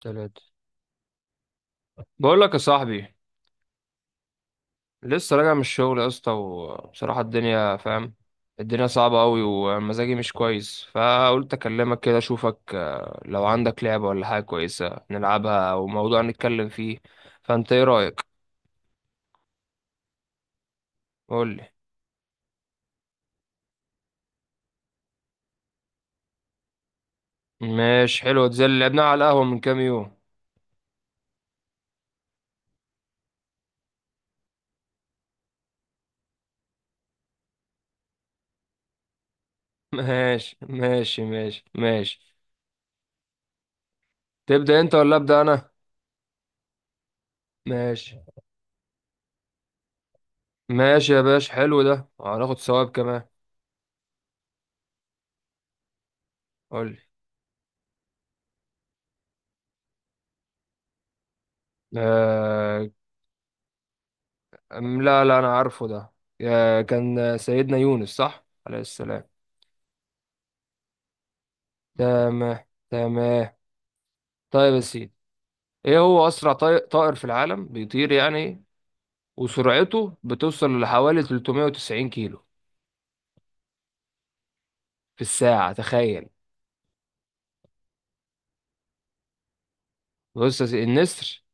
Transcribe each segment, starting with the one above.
تلاتة. بقول لك يا صاحبي، لسه راجع من الشغل يا اسطى، وبصراحة الدنيا فاهم الدنيا صعبة أوي، ومزاجي مش كويس، فقلت أكلمك كده أشوفك. لو عندك لعبة ولا حاجة كويسة نلعبها، أو موضوع نتكلم فيه. فأنت إيه رأيك؟ قولي. ماشي، حلوة دي زي اللي لعبناها على القهوة من كام يوم. ماشي ماشي ماشي ماشي. تبدأ أنت ولا أبدأ أنا؟ ماشي. ماشي يا باشا، حلو ده، هناخد ثواب كمان. قولي. آه. لا لا، أنا عارفه ده. كان سيدنا يونس، صح، عليه السلام. تمام تمام. طيب يا سيدي، إيه هو أسرع طائر في العالم بيطير يعني، وسرعته بتوصل لحوالي 390 كيلو في الساعة؟ تخيل. بص يا سيدي، النسر،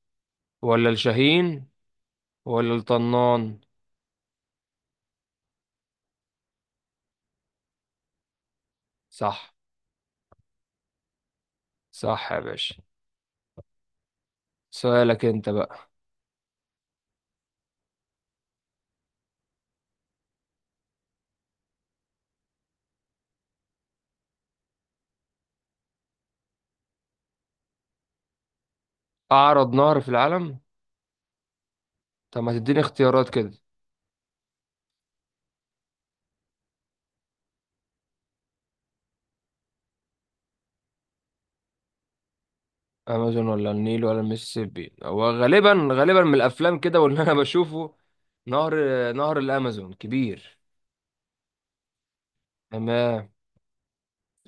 ولا الشاهين، ولا الطنان؟ صح. صح يا باشا. سؤالك أنت بقى. أعرض نهر في العالم. طب ما تديني اختيارات كده. امازون ولا النيل ولا المسيسيبي؟ هو غالبا غالبا من الافلام كده، واللي انا بشوفه، نهر نهر الامازون كبير. تمام.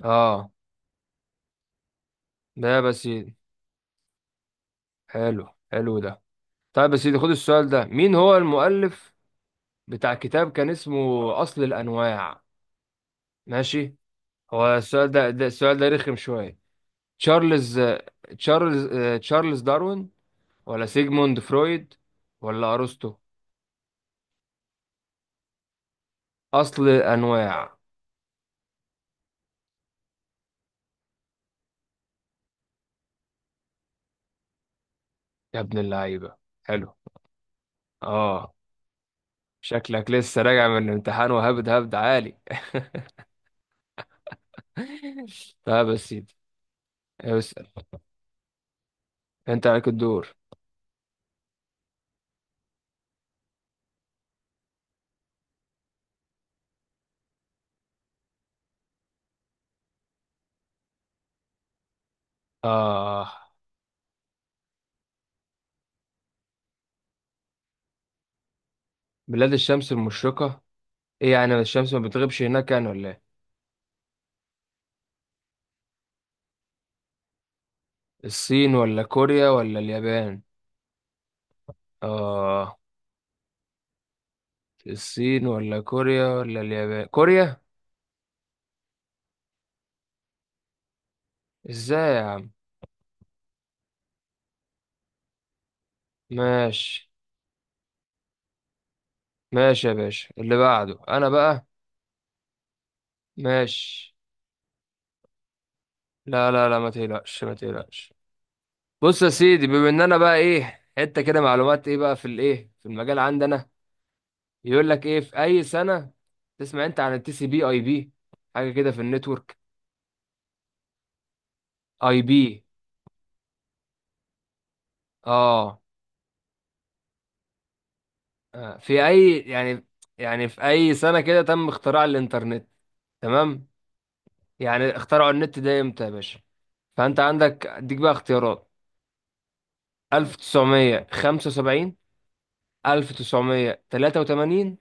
اه. ده بس. حلو. حلو ده. طيب، بس خد السؤال ده. مين هو المؤلف بتاع كتاب كان اسمه اصل الانواع؟ ماشي. ده السؤال ده رخم شويه. تشارلز تشارلز تشارلز داروين، ولا سيجموند فرويد، ولا ارسطو؟ اصل الانواع. يا ابن اللعيبه. حلو. اه. شكلك لسه راجع من امتحان، وهبد هبد عالي. طيب يا سيدي، اسأل. انت عليك الدور. اه. بلاد الشمس المشرقة. ايه يعني الشمس ما بتغيبش هناك يعني ولا ايه؟ الصين ولا كوريا ولا اليابان؟ اه. الصين ولا كوريا ولا اليابان، كوريا. ازاي يا عم؟ ماشي. ماشي يا باشا، اللي بعده انا بقى. ماشي. لا لا لا، ما تقلقش ما تقلقش. بص يا سيدي، بما ان انا بقى ايه، حته كده معلومات، ايه بقى، في الايه، في المجال عندنا، يقول لك ايه، في اي سنه. تسمع انت عن التي سي بي اي بي؟ حاجه كده في النتورك. اي بي، اه. في اي يعني، يعني في اي سنه كده تم اختراع الانترنت؟ تمام. يعني اخترعوا النت ده امتى يا باشا؟ فانت عندك اديك بقى اختيارات. 1975، 1983،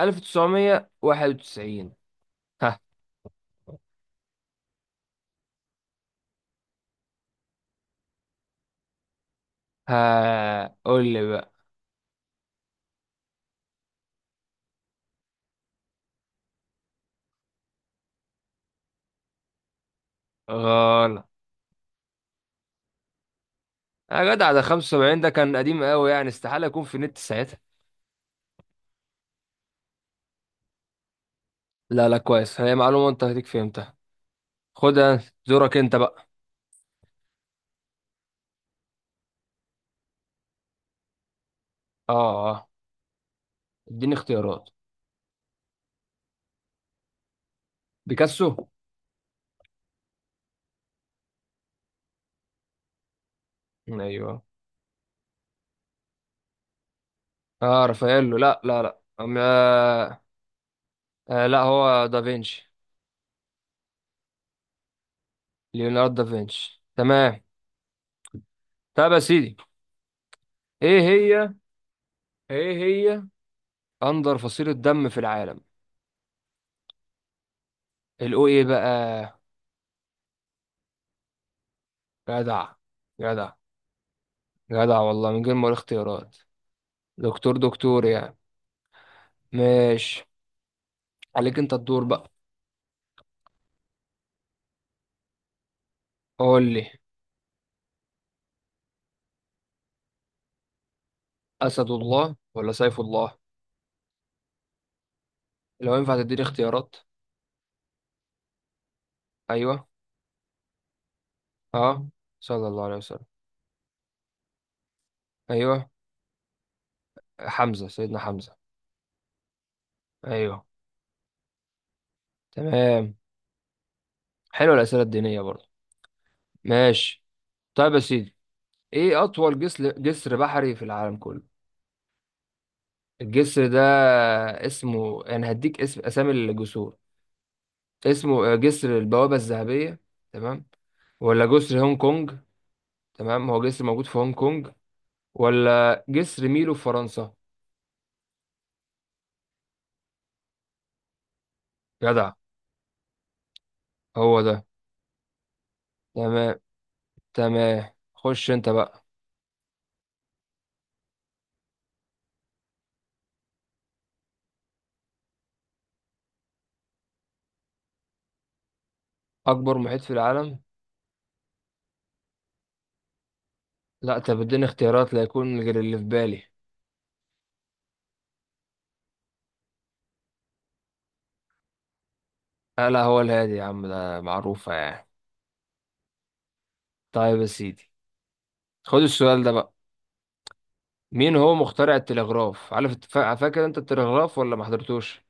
1991. ها. ها، قول لي. غلط. يا جدع، ده 75 ده كان قديم قوي، يعني استحالة يكون في النت ساعتها. لا لا، كويس. هي معلومة انت هديك، فهمتها، خدها. دورك انت بقى. اه اه، اديني اختيارات. بيكاسو. ايوه. اه رافاييلو، لا لا لا، آه. آه، لا هو دافينشي. ليوناردو دافينشي. تمام. طب يا سيدي، ايه هي ايه هي اندر فصيلة دم في العالم؟ الاو. ايه بقى؟ جدع جدع. جدع والله، من غير ما اقول اختيارات. دكتور دكتور يعني. ماشي. عليك انت الدور بقى. قول لي. اسد الله ولا سيف الله؟ لو ينفع تديني اختيارات. ايوه. اه. صلى الله عليه وسلم. ايوه، حمزه، سيدنا حمزه. ايوه. تمام. حلوه الاسئله الدينيه برضه. ماشي. طيب يا سيدي، ايه اطول جسر بحري في العالم كله؟ الجسر ده اسمه، انا هديك اسم، اسامي الجسور. اسمه جسر البوابه الذهبيه، تمام، ولا جسر هونج كونج، تمام، هو جسر موجود في هونج كونج، ولا جسر ميلو في فرنسا؟ جدع. هو ده. تمام. تمام. خش انت بقى. اكبر محيط في العالم. لا، انت بتديني اختيارات لا يكون غير اللي في بالي. آه، لا هو الهادي يا عم، ده معروفة يعني. طيب يا سيدي، خد السؤال ده بقى. مين هو مخترع التلغراف؟ عارف فاكر انت التلغراف ولا ما حضرتوش؟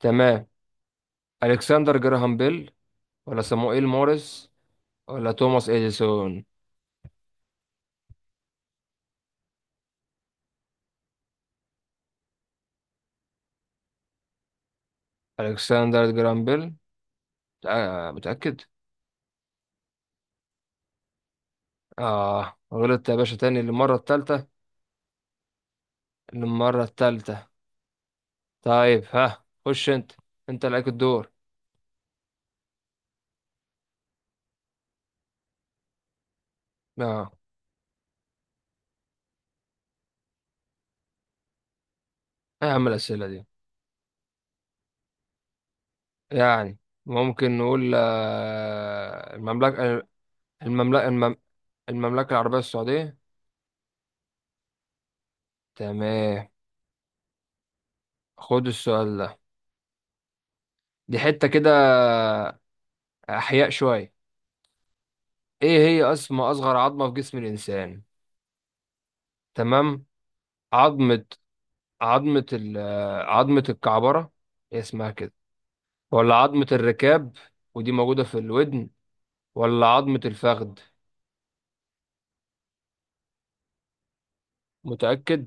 تمام. الكسندر جراهام بيل، ولا صموئيل موريس، ولا توماس اديسون؟ الكسندر جراهام بيل. آه متأكد. اه غلطت يا باشا تاني للمرة التالتة. للمرة التالتة. طيب ها، خش انت. انت اللي عليك الدور. اه. ايه يا عم الأسئلة دي يعني؟ ممكن نقول المملكة المم- المملكة العربية السعودية. تمام. خد السؤال ده، دي حتة كده أحياء شوية. ايه هي اسم أصغر عظمة في جسم الإنسان؟ تمام. عظمة عظمة ال- آه، عظمة الكعبرة، هي اسمها كده، ولا عظمة الركاب، ودي موجودة في الودن، ولا عظمة الفخذ؟ متأكد.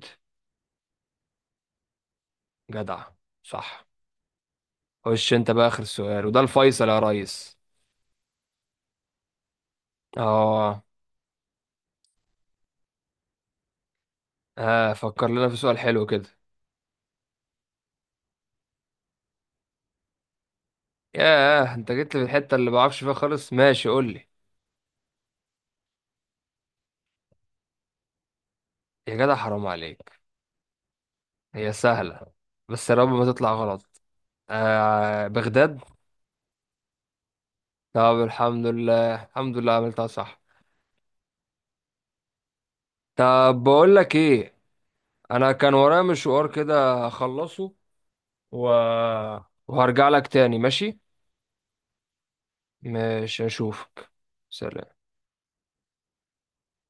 جدع. صح. خش انت بقى آخر سؤال، وده الفيصل يا ريس. اه. اه، فكر لنا في سؤال حلو كده. ياه، انت جيت لي في الحتة اللي بعرفش فيها خالص. ماشي، قول لي. يا جدع، حرام عليك. هي سهلة، بس يا رب ما تطلع غلط. آه، بغداد. طب الحمد لله الحمد لله، عملتها صح. طب بقول لك ايه. انا كان ورايا مشوار كده اخلصه. و... وهرجع لك تاني، ماشي. مش هشوفك. سلام.